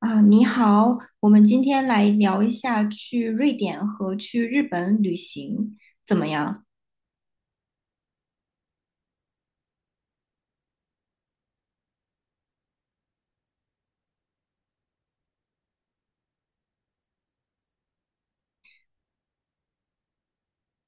啊，你好，我们今天来聊一下去瑞典和去日本旅行怎么样？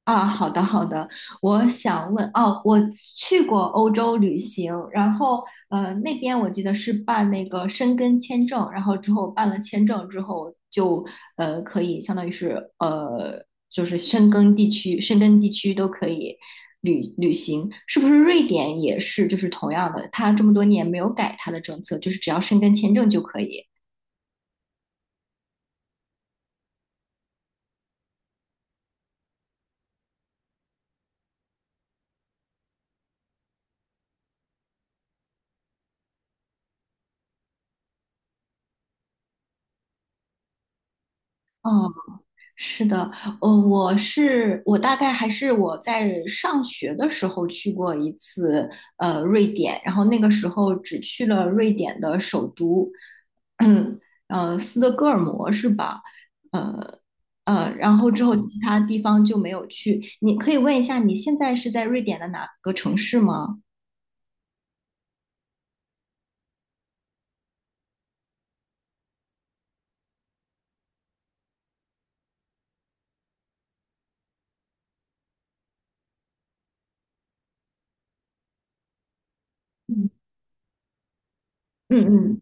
啊，好的好的，我想问哦，我去过欧洲旅行，然后那边我记得是办那个申根签证，然后之后办了签证之后就可以相当于是就是申根地区都可以旅行，是不是瑞典也是就是同样的，它这么多年没有改它的政策，就是只要申根签证就可以。哦，是的，呃，我是我大概还是我在上学的时候去过一次，瑞典，然后那个时候只去了瑞典的首都，嗯，斯德哥尔摩是吧？呃然后之后其他地方就没有去。你可以问一下，你现在是在瑞典的哪个城市吗？嗯嗯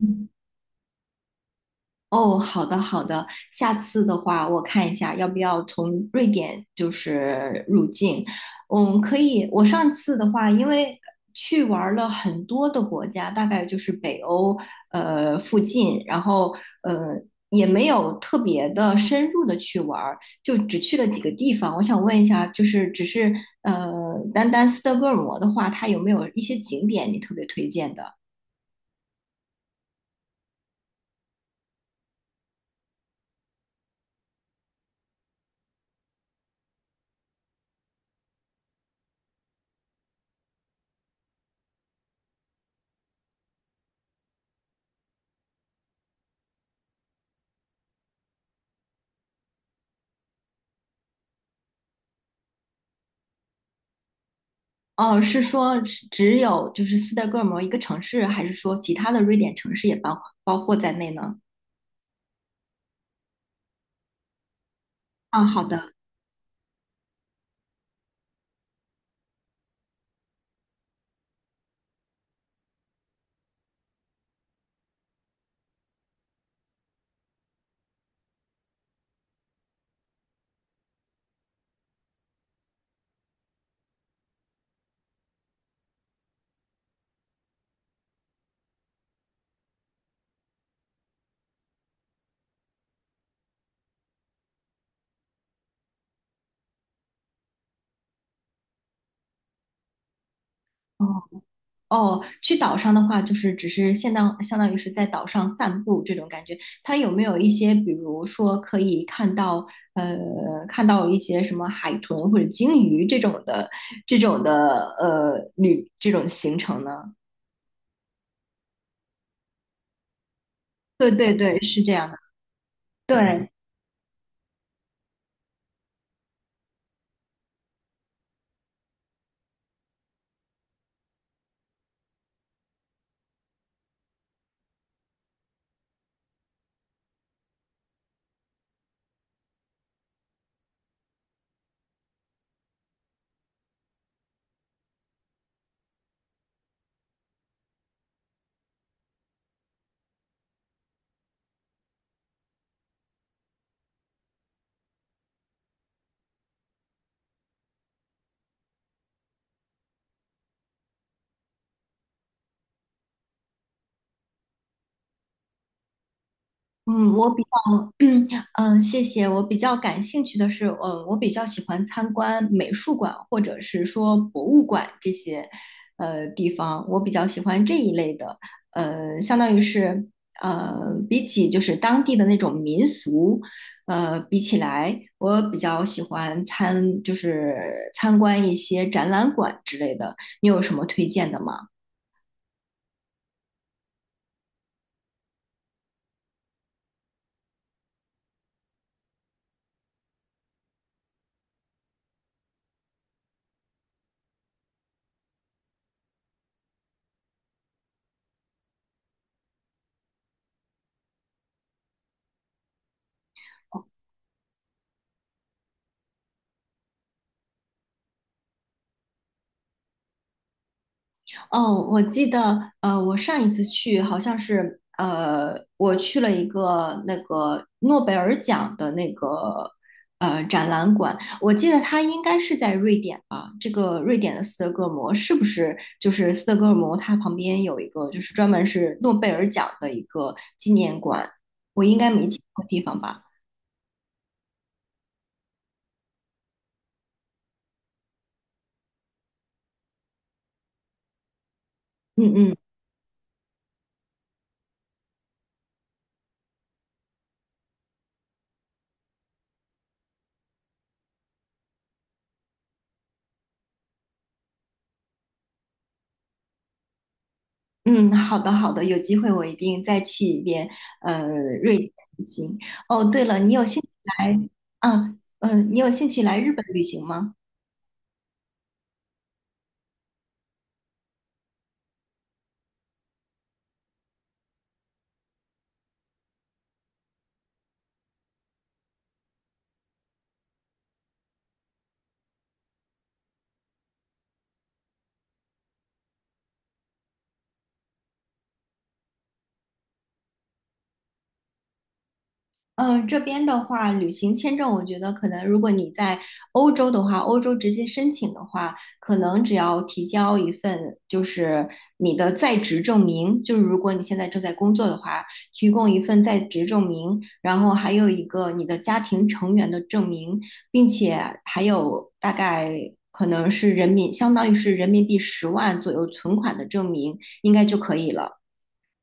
嗯。哦，好的好的，下次的话我看一下要不要从瑞典就是入境。嗯，可以。我上次的话，因为去玩儿了很多的国家，大概就是北欧附近，然后呃也没有特别的深入的去玩儿，就只去了几个地方。我想问一下，就是只是呃单单斯德哥尔摩的话，它有没有一些景点你特别推荐的？哦，是说只有就是斯德哥尔摩一个城市，还是说其他的瑞典城市也包括在内呢？啊，好的。哦哦，去岛上的话，就是只是相当于是在岛上散步这种感觉。它有没有一些，比如说可以呃看到一些什么海豚或者鲸鱼这种行程呢？对对对，是这样的。对，嗯，我比较，嗯，谢谢。我比较感兴趣的是，我比较喜欢参观美术馆或者是说博物馆这些，地方。我比较喜欢这一类的，相当于是，呃，比起就是当地的那种民俗，比起来，我比较喜欢就是参观一些展览馆之类的。你有什么推荐的吗？哦，我记得，我上一次去好像是，我去了一个那个诺贝尔奖的那个展览馆，我记得它应该是在瑞典吧？这个瑞典的斯德哥尔摩是不是就是斯德哥尔摩？它旁边有一个就是专门是诺贝尔奖的一个纪念馆，我应该没记错地方吧？嗯嗯嗯，好的好的，有机会我一定再去一遍，呃，瑞典旅行。哦，对了，你有兴趣来啊？你有兴趣来日本旅行吗？嗯，这边的话，旅行签证，我觉得可能如果你在欧洲的话，欧洲直接申请的话，可能只要提交一份就是你的在职证明，就是如果你现在正在工作的话，提供一份在职证明，然后还有一个你的家庭成员的证明，并且还有大概可能是相当于是人民币10万左右存款的证明，应该就可以了。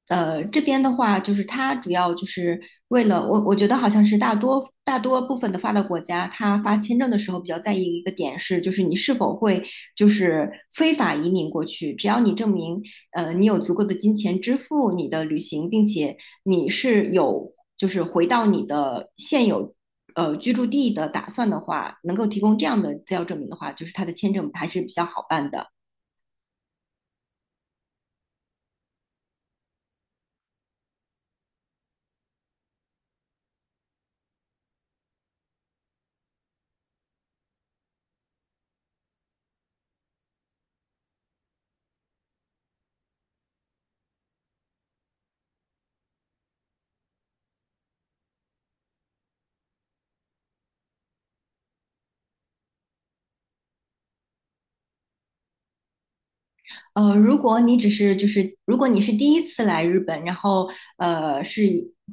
这边的话，就是它主要就是为了我，我觉得好像是大多部分的发达国家，它发签证的时候比较在意一个点是，就是你是否会就是非法移民过去，只要你证明，你有足够的金钱支付你的旅行，并且你是有就是回到你的现有居住地的打算的话，能够提供这样的资料证明的话，就是它的签证还是比较好办的。如果你只是就是如果你是第一次来日本，然后呃是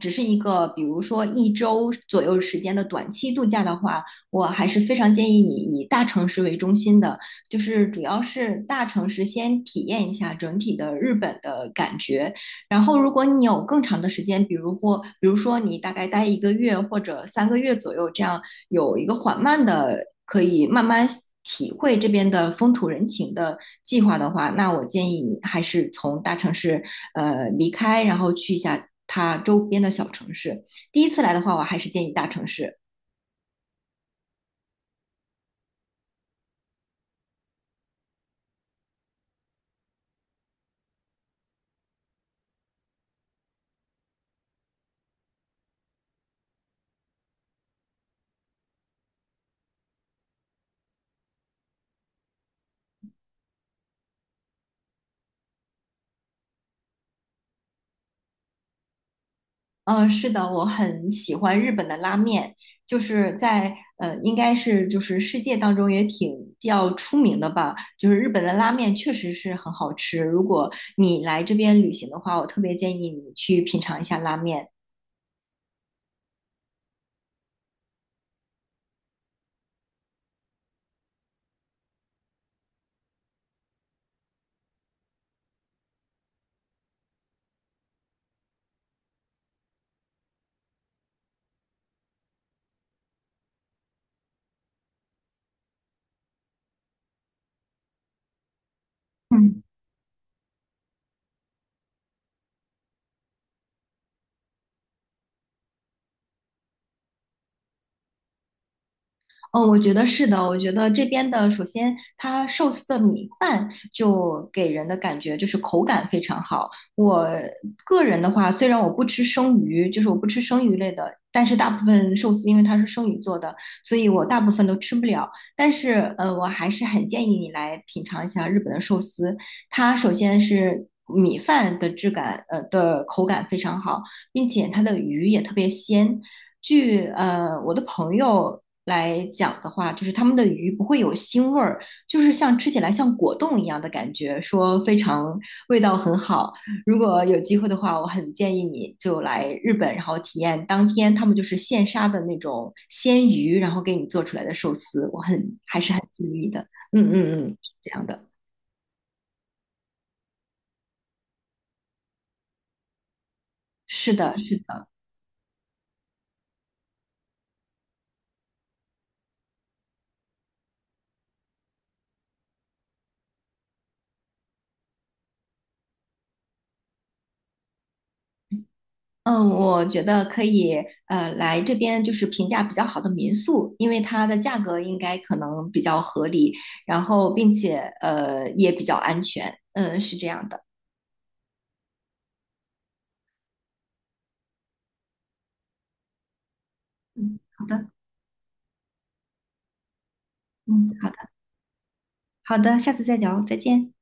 只是一个比如说一周左右时间的短期度假的话，我还是非常建议你以大城市为中心的，就是主要是大城市先体验一下整体的日本的感觉。然后，如果你有更长的时间，比如说你大概待一个月或者3个月左右这样，有一个缓慢的，可以慢慢体会这边的风土人情的计划的话，那我建议你还是从大城市离开，然后去一下它周边的小城市。第一次来的话，我还是建议大城市。嗯，是的，我很喜欢日本的拉面，就是在应该是就是世界当中也挺比较出名的吧。就是日本的拉面确实是很好吃，如果你来这边旅行的话，我特别建议你去品尝一下拉面。嗯。哦，我觉得是的。我觉得这边的，首先它寿司的米饭就给人的感觉就是口感非常好。我个人的话，虽然我不吃生鱼，就是我不吃生鱼类的，但是大部分寿司因为它是生鱼做的，所以我大部分都吃不了。但是，我还是很建议你来品尝一下日本的寿司。它首先是米饭的质感，的口感非常好，并且它的鱼也特别鲜。据我的朋友来讲的话，就是他们的鱼不会有腥味儿，就是像吃起来像果冻一样的感觉，说非常味道很好。如果有机会的话，我很建议你就来日本，然后体验当天他们就是现杀的那种鲜鱼，然后给你做出来的寿司，我很还是很建议的。嗯嗯嗯，是这样的，是的，嗯，我觉得可以，来这边就是评价比较好的民宿，因为它的价格应该可能比较合理，然后并且也比较安全，嗯，是这样的。嗯，好的，嗯，好的，好的，下次再聊，再见。